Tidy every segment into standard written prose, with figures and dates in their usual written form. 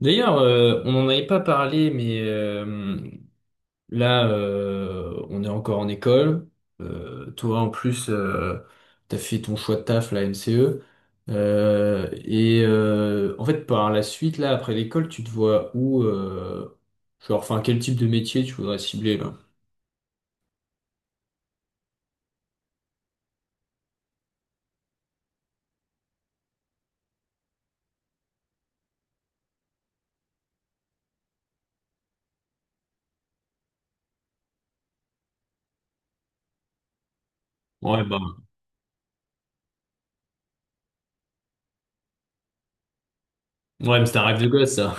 D'ailleurs, on n'en avait pas parlé, mais là, on est encore en école. Toi, en plus, t'as fait ton choix de taf, la MCE. En fait, par la suite, là, après l'école, tu te vois où, genre, enfin, quel type de métier tu voudrais cibler, là? Ouais, bah, ouais, mais c'est un rêve de gosse, ça.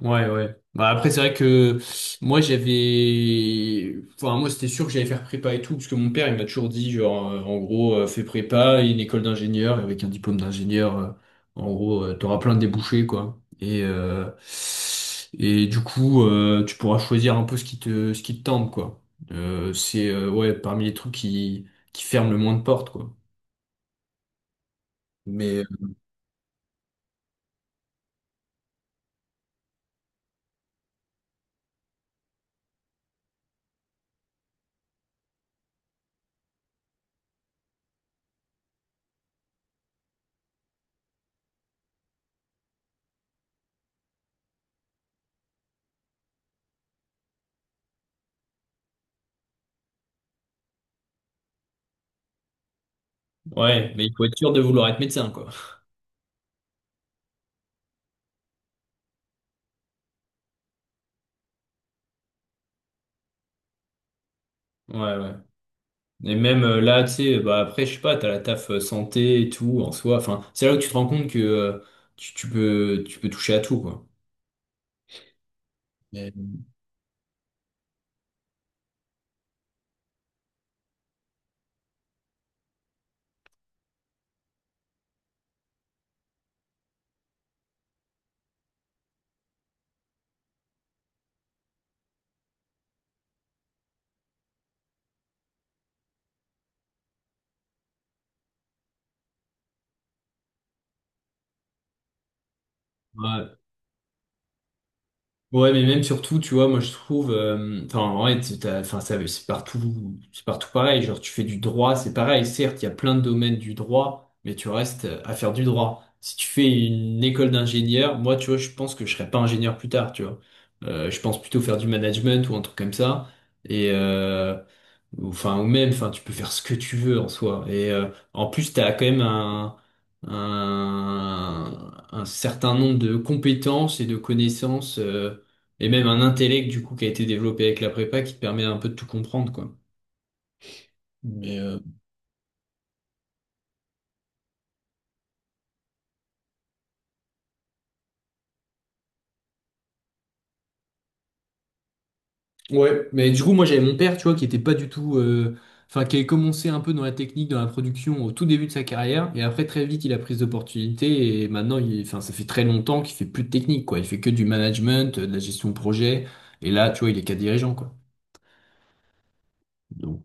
Ouais, ouais. Bah, après, c'est vrai que moi, j'avais. Enfin, moi, c'était sûr que j'allais faire prépa et tout, parce que mon père, il m'a toujours dit, genre, fais prépa et une école d'ingénieur, et avec un diplôme d'ingénieur, en gros, t'auras plein de débouchés, quoi. Et du coup, tu pourras choisir un peu ce qui te tente, quoi. Ouais, parmi les trucs qui ferment le moins de portes, quoi. Mais, euh, ouais, mais il faut être sûr de vouloir être médecin, quoi. Ouais, ouais. Et même là, tu sais, bah après, je sais pas, t'as la taf santé et tout en soi. Enfin, c'est là où tu te rends compte que tu, tu peux toucher à tout, quoi. Mais- Ouais. Ouais, mais même surtout, tu vois, moi je trouve, enfin, en vrai, enfin, ça, c'est partout pareil. Genre, tu fais du droit, c'est pareil. Certes, il y a plein de domaines du droit, mais tu restes à faire du droit. Si tu fais une école d'ingénieur, moi, tu vois, je pense que je serais pas ingénieur plus tard, tu vois. Je pense plutôt faire du management ou un truc comme ça. Et euh, enfin, ou même, enfin, tu peux faire ce que tu veux en soi. En plus, t'as quand même un certain nombre de compétences et de connaissances. Et même un intellect, du coup, qui a été développé avec la prépa qui te permet un peu de tout comprendre, quoi. Mais, euh, ouais, mais du coup, moi, j'avais mon père, tu vois, qui était pas du tout. Enfin, qui avait commencé un peu dans la technique, dans la production au tout début de sa carrière. Et après, très vite, il a pris d'opportunités. Et maintenant, il... enfin, ça fait très longtemps qu'il fait plus de technique, quoi. Il fait que du management, de la gestion de projet. Et là, tu vois, il est cadre dirigeant, quoi. Donc.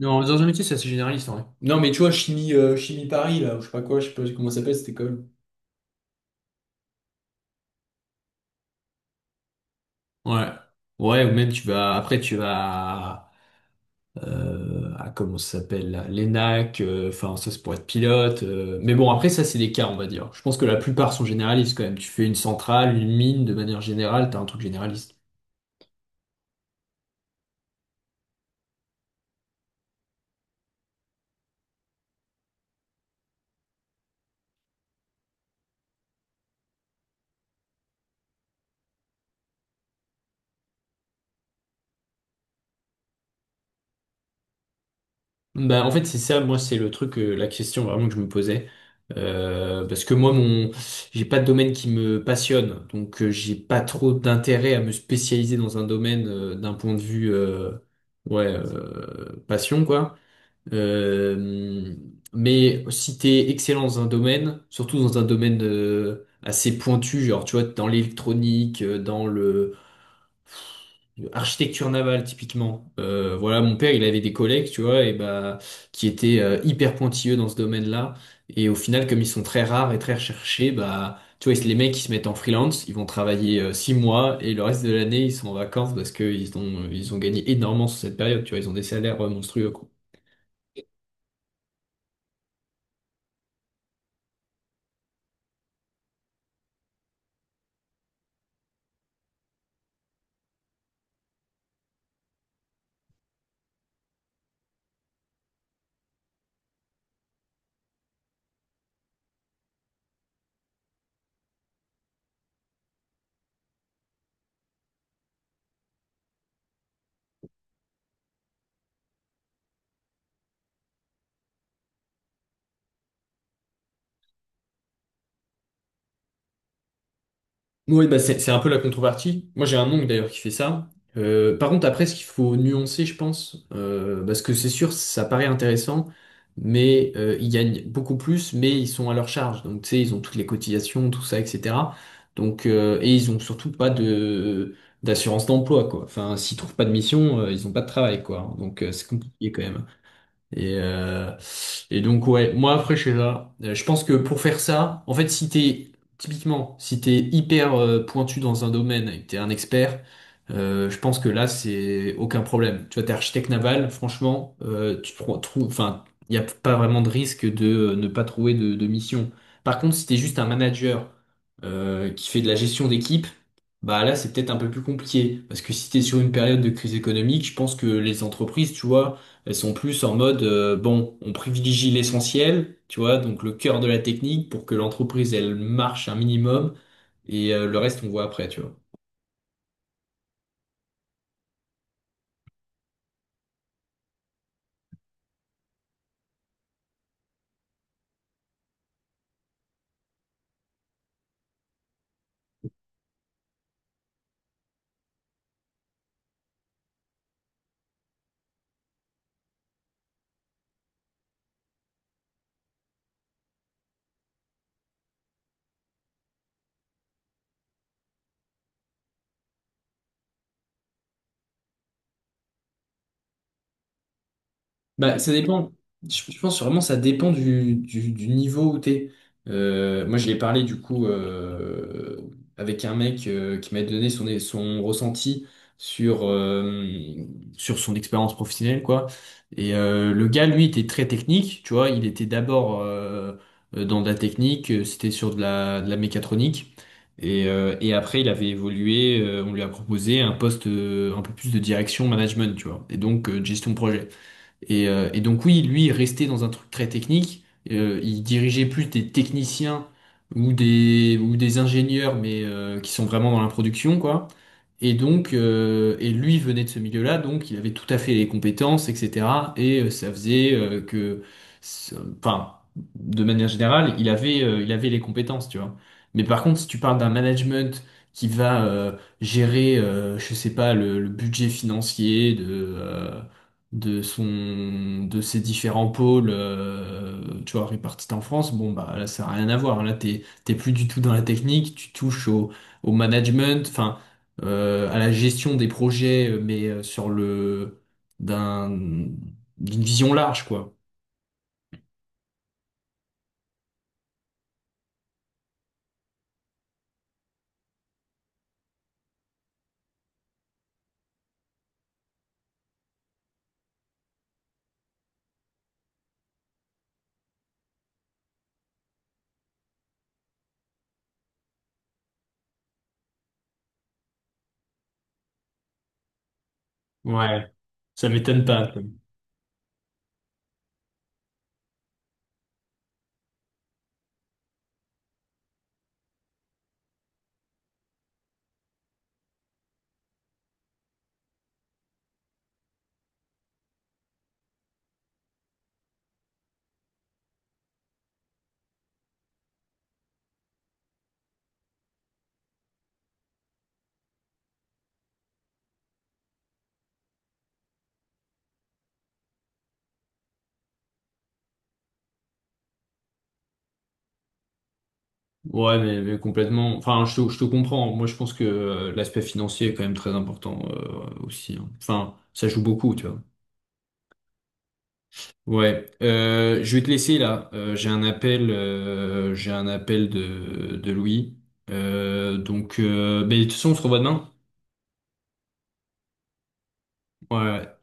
Non, dans un métier, c'est assez généraliste, en vrai. Non, mais tu vois, chimie Paris, là, ou je sais pas quoi, je sais pas comment ça s'appelle cette école. Ouais. Ouais, ou même tu vas. Après, tu vas. À comment ça s'appelle, là, l'ENAC, enfin ça c'est pour être pilote. Mais bon, après ça c'est des cas, on va dire. Je pense que la plupart sont généralistes quand même. Tu fais une centrale, une mine, de manière générale, t'as un truc généraliste. Bah en fait c'est ça, moi c'est le truc, la question vraiment que je me posais. Parce que moi mon j'ai pas de domaine qui me passionne, donc j'ai pas trop d'intérêt à me spécialiser dans un domaine d'un point de vue ouais passion quoi. Euh, mais si t'es excellent dans un domaine, surtout dans un domaine assez pointu, genre tu vois, dans l'électronique, dans le l'architecture navale typiquement. Voilà, mon père, il avait des collègues, tu vois, et bah qui étaient hyper pointilleux dans ce domaine-là. Et au final, comme ils sont très rares et très recherchés, bah tu vois, les mecs ils se mettent en freelance, ils vont travailler six mois et le reste de l'année ils sont en vacances parce que ils ont gagné énormément sur cette période, tu vois, ils ont des salaires monstrueux, quoi. Oui, bah c'est un peu la contrepartie. Moi, j'ai un oncle d'ailleurs qui fait ça. Par contre, après, ce qu'il faut nuancer, je pense, parce que c'est sûr, ça paraît intéressant, mais ils gagnent beaucoup plus, mais ils sont à leur charge. Donc, tu sais, ils ont toutes les cotisations, tout ça, etc. Donc, et ils ont surtout pas de d'assurance d'emploi, quoi. Enfin, s'ils trouvent pas de mission, ils ont pas de travail, quoi. Donc, c'est compliqué quand même. Et, euh, et donc ouais, moi après je sais pas. Je pense que pour faire ça, en fait si t'es typiquement si t'es hyper pointu dans un domaine et que t'es un expert, je pense que là c'est aucun problème. Tu vois, t'es architecte naval, franchement, trouves, enfin, il n'y a pas vraiment de risque de ne pas trouver de mission. Par contre, si t'es juste un manager qui fait de la gestion d'équipe, bah là c'est peut-être un peu plus compliqué parce que si t'es sur une période de crise économique, je pense que les entreprises, tu vois elles sont plus en mode, bon, on privilégie l'essentiel, tu vois, donc le cœur de la technique pour que l'entreprise, elle marche un minimum et le reste, on voit après, tu vois. Bah, ça dépend. Je pense vraiment ça dépend du niveau où t'es. Moi, je l'ai parlé du coup avec un mec qui m'a donné son, son ressenti sur, sur son expérience professionnelle, quoi. Le gars, lui, était très technique, tu vois. Il était d'abord dans de la technique, c'était sur de la mécatronique. Et après, il avait évolué, on lui a proposé un poste un peu plus de direction management, tu vois. De gestion de projet. Et donc oui, lui, il restait dans un truc très technique. Il dirigeait plus des techniciens ou des ingénieurs, mais qui sont vraiment dans la production, quoi. Et lui venait de ce milieu-là, donc il avait tout à fait les compétences, etc. Ça faisait que, ça- enfin, de manière générale, il avait les compétences, tu vois. Mais par contre, si tu parles d'un management qui va gérer, je sais pas, le budget financier de son de ses différents pôles tu vois répartis en France, bon bah là ça n'a rien à voir, là t'es plus du tout dans la technique, tu touches au, au management, à la gestion des projets sur le d'un d'une vision large, quoi. Ouais, ça m'étonne pas. Ouais, mais complètement, enfin je te comprends, moi je pense que l'aspect financier est quand même très important aussi hein. Enfin ça joue beaucoup tu vois. Ouais, je vais te laisser là. J'ai un appel de Louis. Ben, de toute façon, on se revoit demain. Ouais. Ouais.